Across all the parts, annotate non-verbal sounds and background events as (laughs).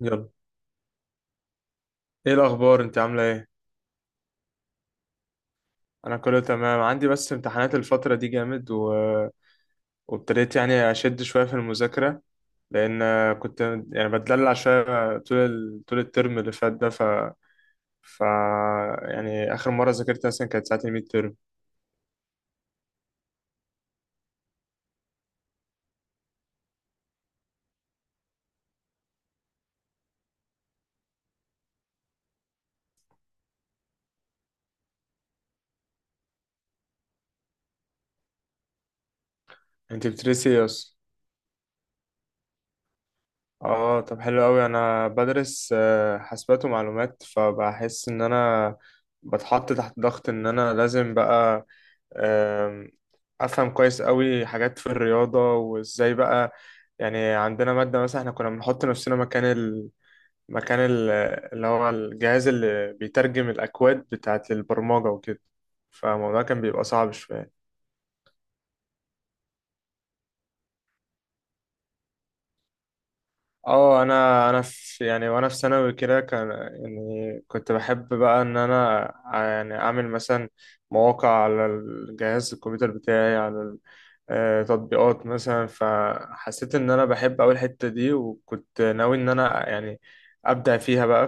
يلا، ايه الاخبار؟ انت عامله ايه؟ انا كله تمام عندي، بس امتحانات الفتره دي جامد وابتديت يعني اشد شويه في المذاكره، لان كنت يعني بتدلع شويه طول طول الترم اللي فات ده. ف ف يعني اخر مره ذاكرت مثلا كانت ساعه الميد ترم. انت بتدرسي ايه اصلا؟ اه، طب حلو قوي. انا بدرس حاسبات ومعلومات، فبحس ان انا بتحط تحت ضغط ان انا لازم بقى أم، افهم كويس قوي حاجات في الرياضه وازاي بقى. يعني عندنا ماده مثلا احنا كنا بنحط نفسنا مكان مكان ال... اللي هو الجهاز اللي بيترجم الاكواد بتاعت البرمجه وكده. فالموضوع كان بيبقى صعب شويه. اه، انا في، يعني وانا في ثانوي كده، كان يعني كنت بحب بقى ان انا يعني اعمل مثلا مواقع على الجهاز الكمبيوتر بتاعي، على تطبيقات مثلا. فحسيت ان انا بحب اول الحتة دي، وكنت ناوي ان انا يعني ابدع فيها بقى.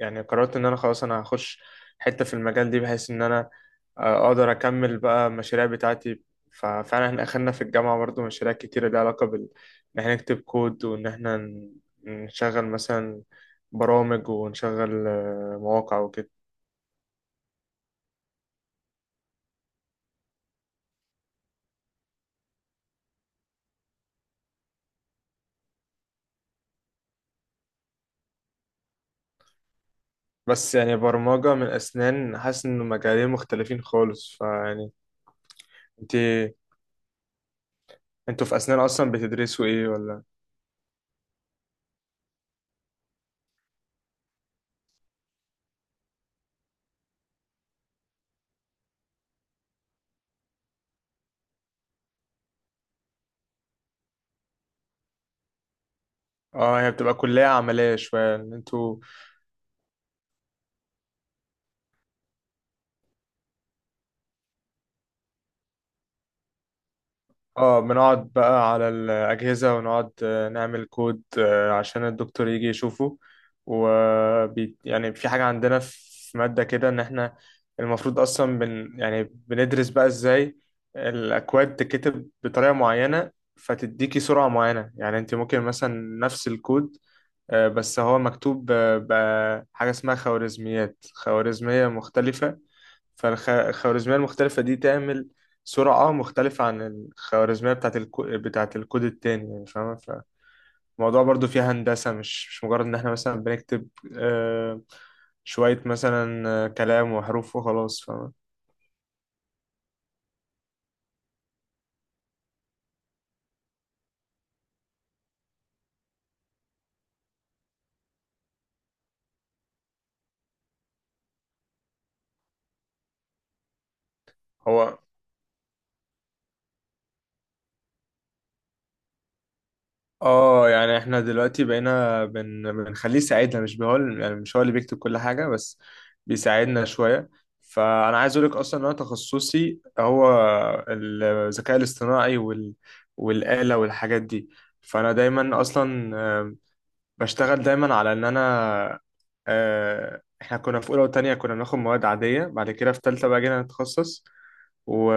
يعني قررت ان انا خلاص انا هخش حتة في المجال دي، بحيث ان انا اقدر اكمل بقى المشاريع بتاعتي. ففعلا احنا اخدنا في الجامعة برضو مشاريع كتيرة ليها علاقة بال، ان احنا نكتب كود وان احنا نشغل مثلا برامج، ونشغل مواقع وكده. بس يعني برمجة من اسنان، حاسس ان مجالين مختلفين خالص، فيعني انت انتوا في اسنان اصلا بتدرسوا ايه ولا؟ اه، هي بتبقى كلية عملية شوية ان انتوا، اه بنقعد بقى على الأجهزة ونقعد نعمل كود عشان الدكتور يجي يشوفه. وبي يعني في حاجة عندنا في مادة كده إن إحنا المفروض أصلا يعني بندرس بقى إزاي الأكواد تتكتب بطريقة معينة، فتديكي سرعة معينة. يعني أنت ممكن مثلا نفس الكود بس هو مكتوب بحاجة اسمها خوارزميات، خوارزمية مختلفة. فالخوارزمية المختلفة دي تعمل سرعة مختلفة عن الخوارزمية بتاعت الكود التاني. يعني فاهمة؟ فالموضوع برضو فيها هندسة، مش مجرد إن احنا مثلا بنكتب آه، شوية مثلا كلام وحروف وخلاص، فاهمة. هو، اه يعني احنا دلوقتي بقينا بنخليه يساعدنا، مش هو يعني مش هو اللي بيكتب كل حاجة، بس بيساعدنا شوية. فأنا عايز أقولك أصلا إن أنا تخصصي هو الذكاء الاصطناعي والآلة والحاجات دي. فأنا دايما أصلا بشتغل دايما على إن أنا احنا كنا في أولى وتانية كنا بناخد مواد عادية، بعد كده في تالتة بقى جينا نتخصص و...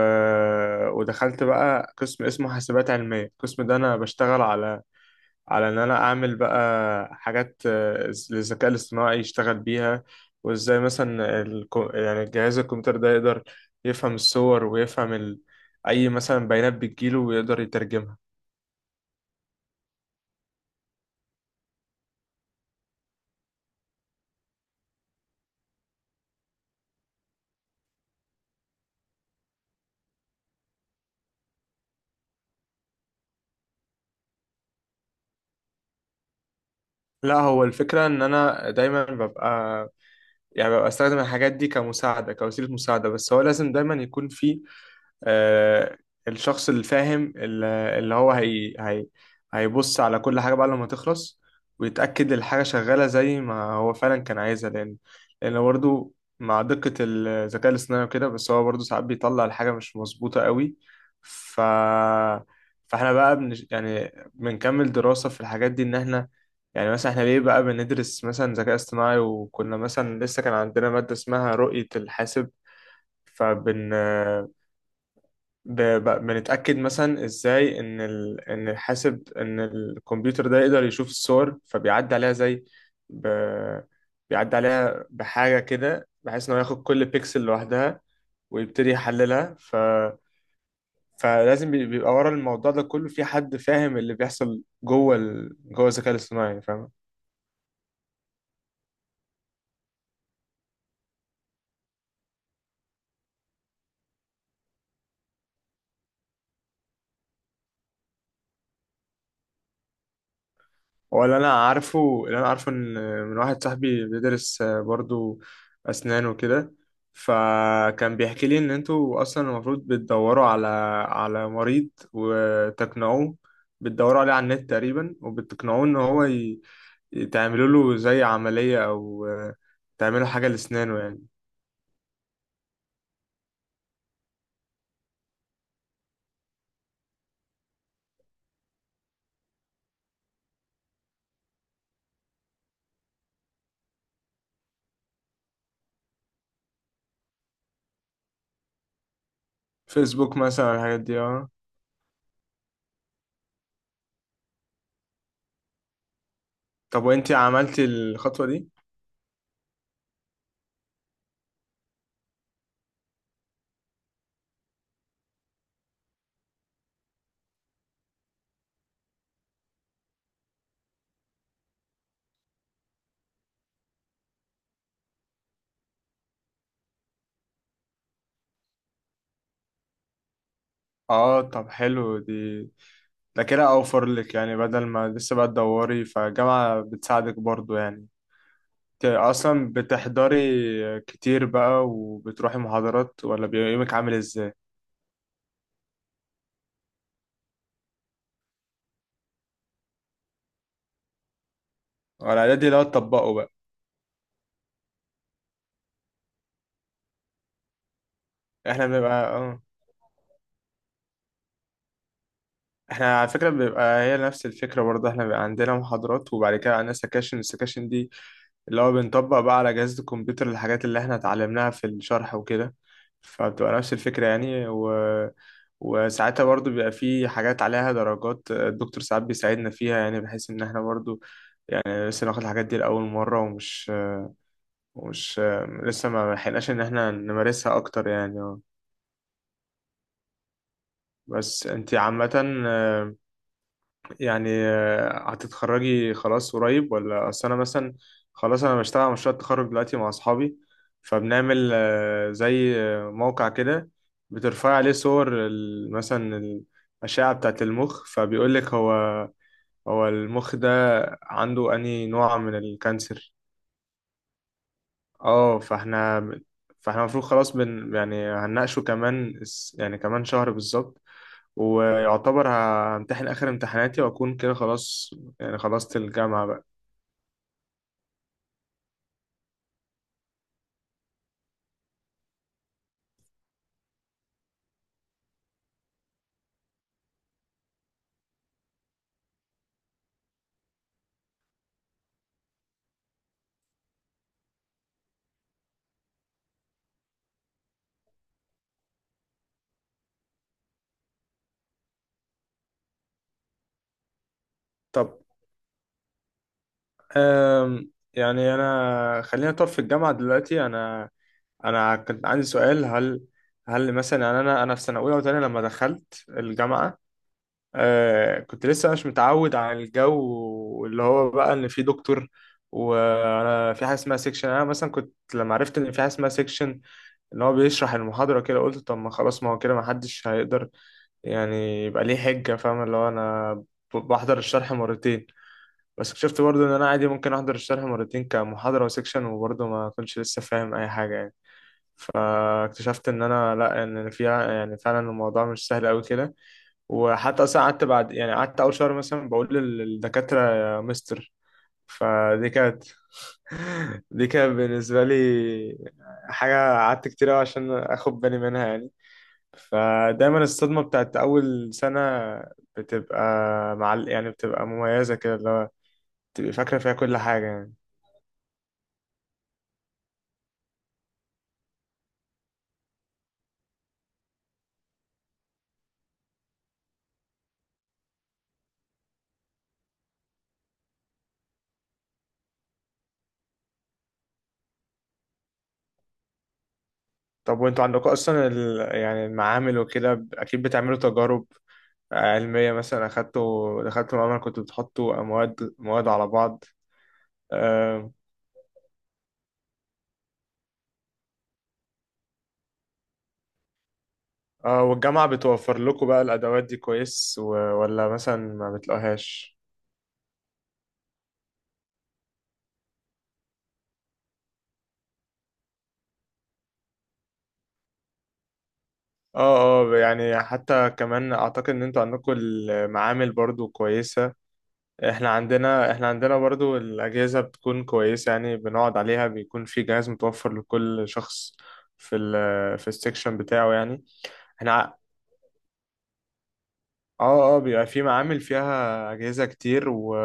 ودخلت بقى قسم اسمه حاسبات علمية. القسم ده أنا بشتغل على، على ان انا اعمل بقى حاجات للذكاء الاصطناعي يشتغل بيها. وازاي مثلا يعني جهاز الكمبيوتر ده يقدر يفهم الصور ويفهم اي مثلا بيانات بتجيله ويقدر يترجمها. لا، هو الفكرة ان انا دايما ببقى يعني ببقى استخدم الحاجات دي كمساعدة، كوسيلة مساعدة. بس هو لازم دايما يكون في آه، الشخص الفاهم اللي هو هي هيبص على كل حاجة بعد لما تخلص، ويتأكد الحاجة شغالة زي ما هو فعلا كان عايزها. لأن برضه مع دقة الذكاء الاصطناعي وكده، بس هو برضه ساعات بيطلع الحاجة مش مظبوطة قوي. ف فاحنا بقى يعني بنكمل دراسة في الحاجات دي، إن احنا يعني مثلا احنا ليه بقى بندرس مثلا ذكاء اصطناعي. وكنا مثلا لسه كان عندنا مادة اسمها رؤية الحاسب. فبن بنتأكد مثلا ازاي ان ان الحاسب، ان الكمبيوتر ده يقدر يشوف الصور. فبيعدي عليها زي ب... بيعدي عليها بحاجة كده، بحيث انه ياخد كل بيكسل لوحدها ويبتدي يحللها فلازم بيبقى ورا الموضوع ده كله في حد فاهم اللي بيحصل جوه جوه الذكاء الاصطناعي، فاهم. هو اللي انا عارفه ان، من واحد صاحبي بيدرس برضو اسنان وكده، فكان بيحكي لي ان انتوا اصلا المفروض بتدوروا على، على مريض وتقنعوه، بتدوروا عليه على النت تقريبا، وبتقنعوه ان هو تعملوا له زي عملية او تعملوا حاجة لاسنانه يعني. فيسبوك مثلا الحاجات دي، اه. طب وانتي عملتي الخطوة دي؟ اه، طب حلو دي. ده كده اوفر لك، يعني بدل ما لسه بقى تدوري، فالجامعة بتساعدك برضو يعني. اصلا بتحضري كتير بقى وبتروحي محاضرات، ولا بيبقى يومك عامل ازاي؟ ولا دي لو تطبقه بقى. احنا بنبقى احنا على فكرة بيبقى هي نفس الفكرة برضه، احنا بيبقى عندنا محاضرات وبعد كده عندنا سكاشن. السكاشن دي اللي هو بنطبق بقى على جهاز الكمبيوتر الحاجات اللي احنا اتعلمناها في الشرح وكده. فبتبقى نفس الفكرة يعني وساعتها برضه بيبقى في حاجات عليها درجات، الدكتور ساعات بيساعدنا فيها، يعني بحيث ان احنا برضه يعني لسه ناخد الحاجات دي لأول مرة، ومش لسه ما لحقناش ان احنا نمارسها اكتر يعني. بس انتي عامة يعني هتتخرجي خلاص قريب ولا؟ اصل انا مثلا خلاص انا بشتغل على مشروع التخرج دلوقتي مع اصحابي، فبنعمل زي موقع كده بترفع عليه صور مثلا الأشعة بتاعة المخ، فبيقول لك هو، هو المخ ده عنده أنهي نوع من الكانسر. اه، فاحنا، فاحنا المفروض خلاص يعني هنناقشه كمان يعني كمان شهر بالظبط، ويعتبر همتحن آخر امتحاناتي، وأكون كده خلاص يعني خلصت الجامعة بقى. طب يعني أنا خلينا طب في الجامعة دلوقتي. أنا أنا كنت عندي سؤال: هل، هل مثلا يعني أنا، أنا في سنة أولى وتانية لما دخلت الجامعة، آه كنت لسه مش متعود على الجو اللي هو بقى ان في دكتور وانا في حاجه اسمها سيكشن. انا مثلا كنت لما عرفت ان في حاجه اسمها سيكشن ان هو بيشرح المحاضره كده، قلت طب ما خلاص، ما هو كده ما حدش هيقدر يعني يبقى ليه حجه، فاهم، اللي هو انا بحضر الشرح 2. بس اكتشفت برضه ان انا عادي ممكن احضر الشرح 2 كمحاضره وسيكشن وبرضه ما كنتش لسه فاهم اي حاجه يعني. فاكتشفت ان انا لا، ان فيها يعني فعلا الموضوع مش سهل قوي كده. وحتى اصلا قعدت بعد يعني قعدت اول شهر مثلا بقول للدكاتره يا مستر. فدي كانت (laughs) دي كانت بالنسبه لي حاجه قعدت كتير أوي عشان اخد بالي منها يعني. فدايما الصدمه بتاعت اول سنه بتبقى مع، يعني بتبقى مميزه كده، اللي هو تبقى فاكره فيها كل حاجه يعني. طب وانتوا عندكم اصلا يعني المعامل وكده اكيد بتعملوا تجارب علمية؟ مثلا أخدتوا دخلتوا معمل كنتوا بتحطوا مواد على بعض؟ اه، والجامعة بتوفر لكم بقى الأدوات دي كويس ولا مثلا ما بتلاقوهاش؟ اه اه، يعني حتى كمان اعتقد ان انتوا عندكم المعامل برضو كويسة. احنا عندنا برضو الأجهزة بتكون كويسة، يعني بنقعد عليها، بيكون في جهاز متوفر لكل شخص في ال، في السكشن بتاعه يعني. احنا ع- اه اه، بيبقى في معامل فيها أجهزة كتير، و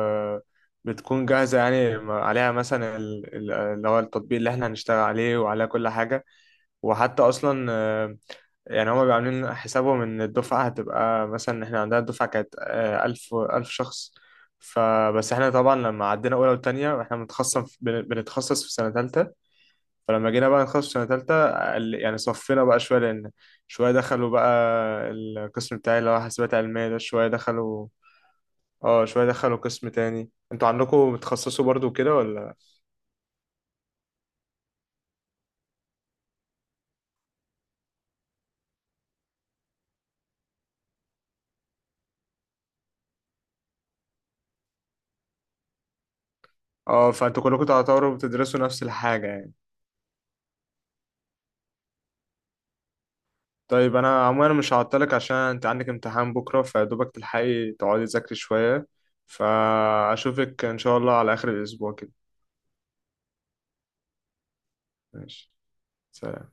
بتكون جاهزة يعني عليها مثلا اللي هو التطبيق اللي احنا هنشتغل عليه وعلى كل حاجة. وحتى اصلا يعني هما بيبقوا عاملين حسابهم ان الدفعه هتبقى مثلا، احنا عندنا الدفعه كانت ألف شخص. فبس احنا طبعا لما عدينا اولى وتانية، احنا بنتخصص في سنه تالتة. فلما جينا بقى نتخصص في سنه تالتة يعني صفينا بقى شويه، لان شويه دخلوا بقى القسم بتاعي اللي هو حاسبات علميه ده، شويه دخلوا. اه، شويه دخلوا قسم تاني. انتوا عندكم بتخصصوا برضو كده ولا؟ اه، فانتوا كلكم تعتبروا بتدرسوا نفس الحاجه يعني. طيب انا عموما مش هعطلك عشان انت عندك امتحان بكره، فدوبك تلحقي تقعدي تذاكري شويه. فاشوفك ان شاء الله على اخر الاسبوع كده. ماشي، سلام.